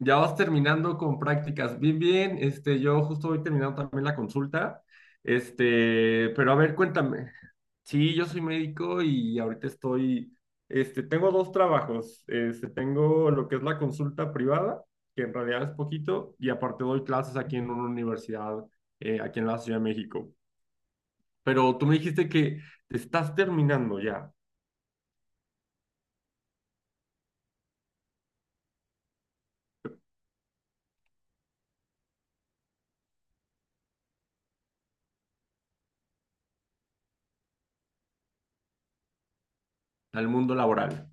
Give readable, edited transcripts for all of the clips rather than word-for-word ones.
Ya vas terminando con prácticas. Bien, bien. Yo justo voy terminando también la consulta. Pero a ver, cuéntame. Sí, yo soy médico y ahorita estoy, tengo dos trabajos. Tengo lo que es la consulta privada, que en realidad es poquito, y aparte doy clases aquí en una universidad, aquí en la Ciudad de México. Pero tú me dijiste que te estás terminando ya al mundo laboral.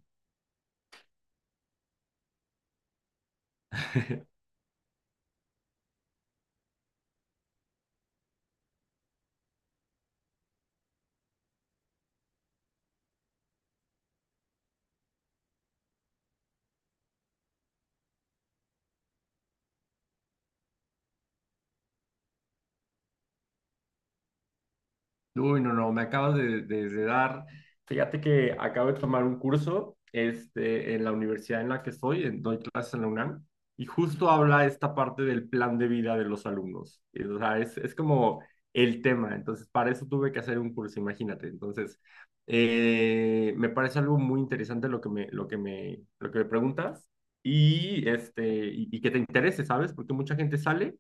Uy, no, no, me acabas de dar. Fíjate que acabo de tomar un curso en la universidad en la que estoy, doy clases en la UNAM, y justo habla esta parte del plan de vida de los alumnos. O sea, es como el tema. Entonces, para eso tuve que hacer un curso, imagínate. Entonces, me parece algo muy interesante lo que me preguntas y que te interese, ¿sabes? Porque mucha gente sale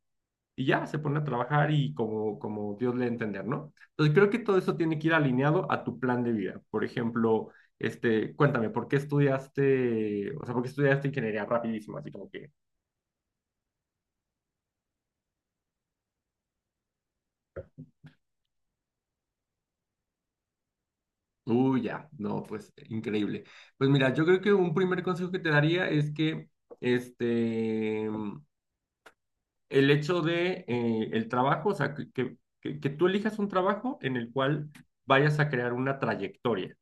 y ya se pone a trabajar y como, como Dios le entender, ¿no? Entonces creo que todo eso tiene que ir alineado a tu plan de vida. Por ejemplo, cuéntame, ¿por qué estudiaste, o sea, por qué estudiaste ingeniería rapidísimo? Así como que, uy, ya, no, pues increíble. Pues mira, yo creo que un primer consejo que te daría es que, este, el hecho de el trabajo, o sea, que tú elijas un trabajo en el cual vayas a crear una trayectoria.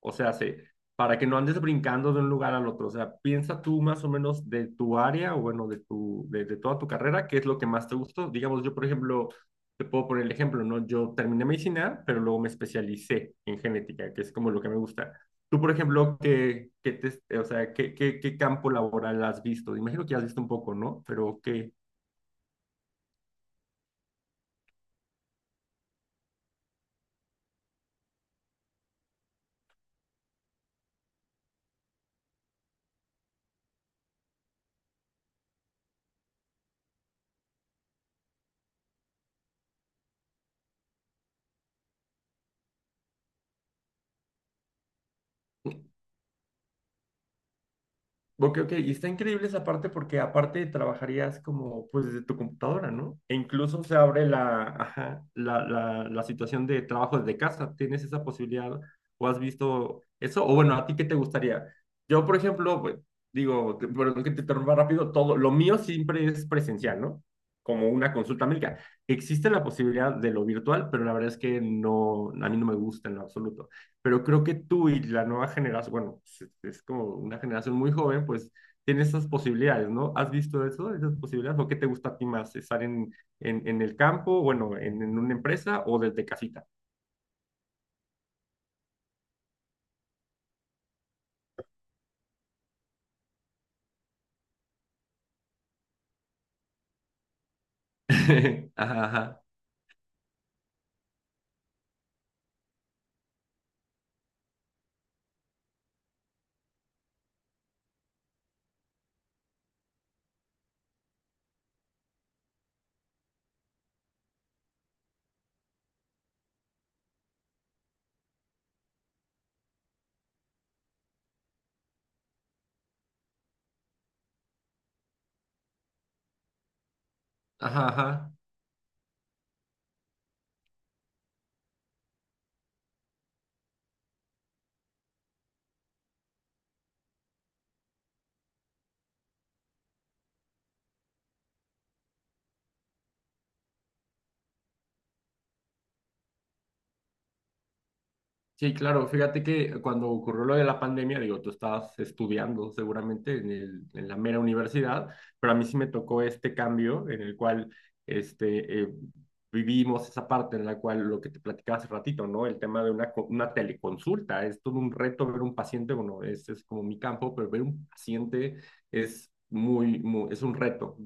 O sea, se- para que no andes brincando de un lugar al otro. O sea, piensa tú más o menos de tu área o bueno, de toda tu carrera, qué es lo que más te gustó. Digamos, yo, por ejemplo, te puedo poner el ejemplo, ¿no? Yo terminé medicina, pero luego me especialicé en genética, que es como lo que me gusta. Tú, por ejemplo, ¿qué, qué te- o sea, qué, qué, ¿qué campo laboral has visto? Imagino que has visto un poco, ¿no? Pero ¿qué, ok, ok, y está increíble esa parte porque aparte trabajarías como pues desde tu computadora, ¿no? E incluso se abre la, ajá, la situación de trabajo desde casa. ¿Tienes esa posibilidad o has visto eso? O bueno, ¿a ti qué te gustaría? Yo, por ejemplo, pues, digo, perdón que te interrumpa rápido, todo, lo mío siempre es presencial, ¿no? Como una consulta médica. Existe la posibilidad de lo virtual, pero la verdad es que no, a mí no me gusta en lo absoluto, pero creo que tú y la nueva generación, bueno, es como una generación muy joven, pues tiene esas posibilidades, ¿no? ¿Has visto eso, esas posibilidades? ¿O qué te gusta a ti más? ¿Estar en el campo, bueno, en una empresa o desde casita? Ajá, ajá, ajá, ajá. Sí, claro, fíjate que cuando ocurrió lo de la pandemia, digo, tú estabas estudiando seguramente en la mera universidad, pero a mí sí me tocó este cambio en el cual este, eh, vivimos esa parte en la cual lo que te platicaba hace ratito, ¿no? El tema de una teleconsulta, es todo un reto ver un paciente, bueno, ese es como mi campo, pero ver un paciente es muy, es un reto,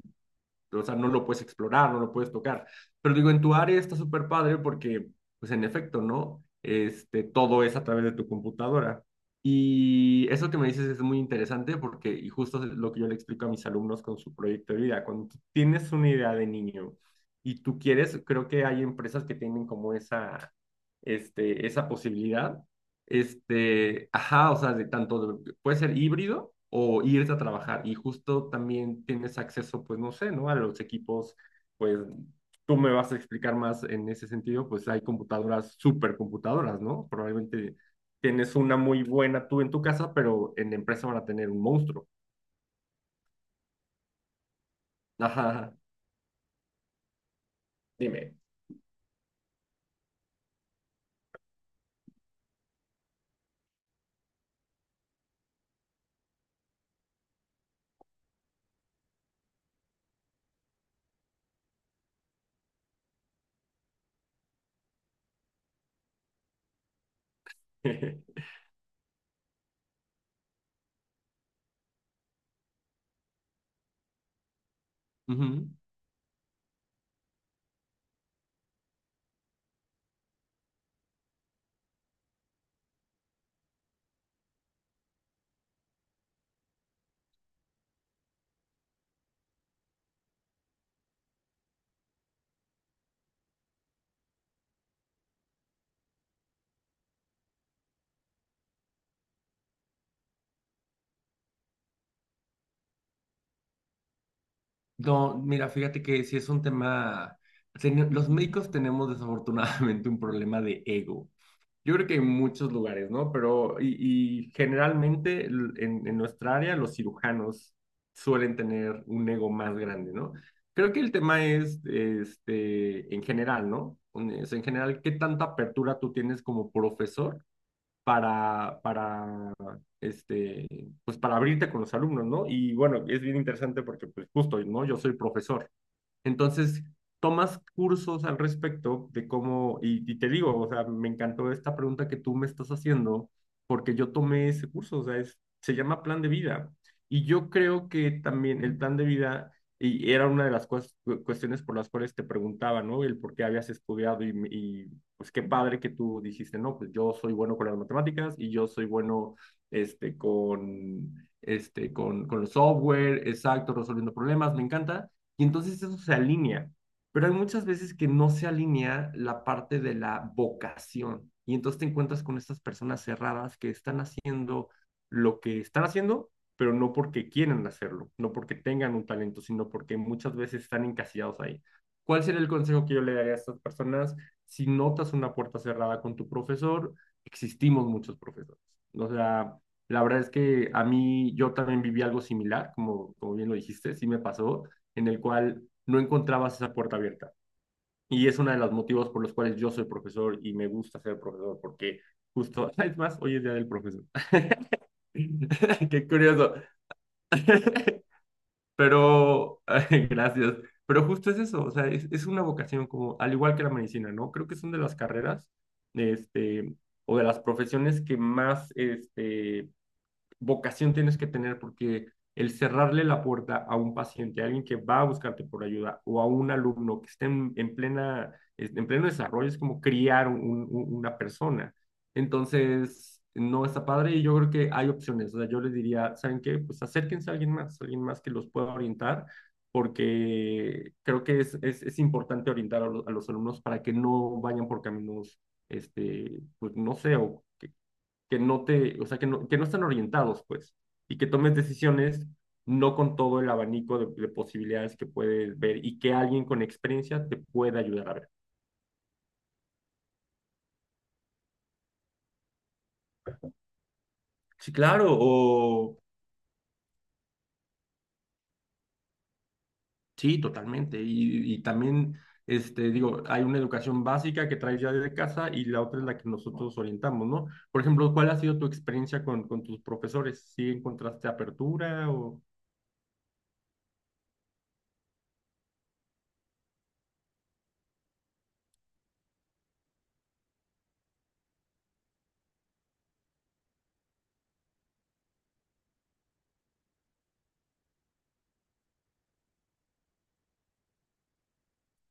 o sea, no lo puedes explorar, no lo puedes tocar. Pero digo, en tu área está súper padre porque, pues en efecto, ¿no? Todo es a través de tu computadora. Y eso que me dices es muy interesante porque, y justo es lo que yo le explico a mis alumnos con su proyecto de vida, cuando tú tienes una idea de niño y tú quieres, creo que hay empresas que tienen como esa, esa posibilidad, ajá, o sea, de tanto, puede ser híbrido o irte a trabajar y justo también tienes acceso, pues no sé, ¿no? A los equipos, pues tú me vas a explicar más en ese sentido, pues hay computadoras, supercomputadoras, ¿no? Probablemente tienes una muy buena tú en tu casa, pero en la empresa van a tener un monstruo. Ajá, ajá, dime. Ujú. No, mira, fíjate que si es un tema, los médicos tenemos desafortunadamente un problema de ego. Yo creo que en muchos lugares, ¿no? Pero generalmente en nuestra área los cirujanos suelen tener un ego más grande, ¿no? Creo que el tema es, en general, ¿no? Es en general, ¿qué tanta apertura tú tienes como profesor para, este, pues para abrirte con los alumnos, ¿no? Y bueno, es bien interesante porque, pues justo, ¿no? Yo soy profesor. Entonces, tomas cursos al respecto de cómo, y te digo, o sea, me encantó esta pregunta que tú me estás haciendo, porque yo tomé ese curso, o sea, es, se llama plan de vida. Y yo creo que también el plan de vida, y era una de las cuestiones por las cuales te preguntaba, ¿no? El por qué habías estudiado, pues qué padre que tú dijiste, no, pues yo soy bueno con las matemáticas y yo soy bueno, este, con, con los software, exacto, resolviendo problemas, me encanta y entonces eso se alinea. Pero hay muchas veces que no se alinea la parte de la vocación y entonces te encuentras con estas personas cerradas que están haciendo lo que están haciendo, pero no porque quieren hacerlo, no porque tengan un talento, sino porque muchas veces están encasillados ahí. ¿Cuál sería el consejo que yo le daría a estas personas? Si notas una puerta cerrada con tu profesor, existimos muchos profesores. O sea, la verdad es que a mí yo también viví algo similar, como, como bien lo dijiste, sí me pasó en el cual no encontrabas esa puerta abierta. Y es uno de los motivos por los cuales yo soy profesor y me gusta ser profesor, porque justo, es más, hoy es día del profesor. Qué curioso. Pero, gracias. Pero justo es eso, o sea, es una vocación como, al igual que la medicina, ¿no? Creo que son de las carreras, este, o de las profesiones que más, vocación tienes que tener porque el cerrarle la puerta a un paciente, a alguien que va a buscarte por ayuda o a un alumno que esté en plena, en pleno desarrollo es como criar una persona. Entonces, no está padre y yo creo que hay opciones. O sea, yo les diría, ¿saben qué? Pues acérquense a alguien más que los pueda orientar porque creo que es importante orientar a los alumnos para que no vayan por caminos, pues no sé, o que no te, o sea, que no están orientados, pues, y que tomes decisiones no con todo el abanico de posibilidades que puedes ver y que alguien con experiencia te pueda ayudar a ver. Sí, claro, o sí, totalmente. Y también, digo, hay una educación básica que traes ya desde casa y la otra es la que nosotros orientamos, ¿no? Por ejemplo, ¿cuál ha sido tu experiencia con tus profesores? ¿Sí encontraste apertura o...?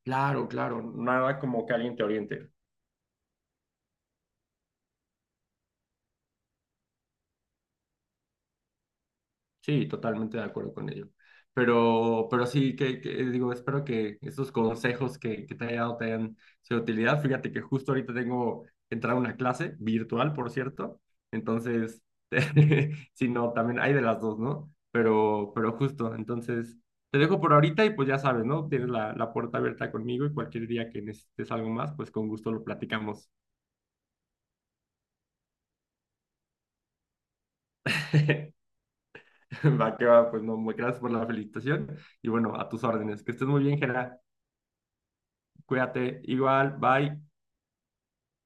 Claro, claro, nada como que alguien te oriente. Sí, totalmente de acuerdo con ello. Pero sí, digo, espero que estos consejos que te haya dado te hayan sido de utilidad. Fíjate que justo ahorita tengo que entrar a una clase virtual, por cierto. Entonces, si no, también hay de las dos, ¿no? Pero justo, entonces, te dejo por ahorita y pues ya sabes, ¿no? Tienes la puerta abierta conmigo y cualquier día que necesites algo más, pues con gusto lo platicamos. Va que va, pues no, gracias por la felicitación y bueno, a tus órdenes. Que estés muy bien, Gerard. Cuídate, igual, bye.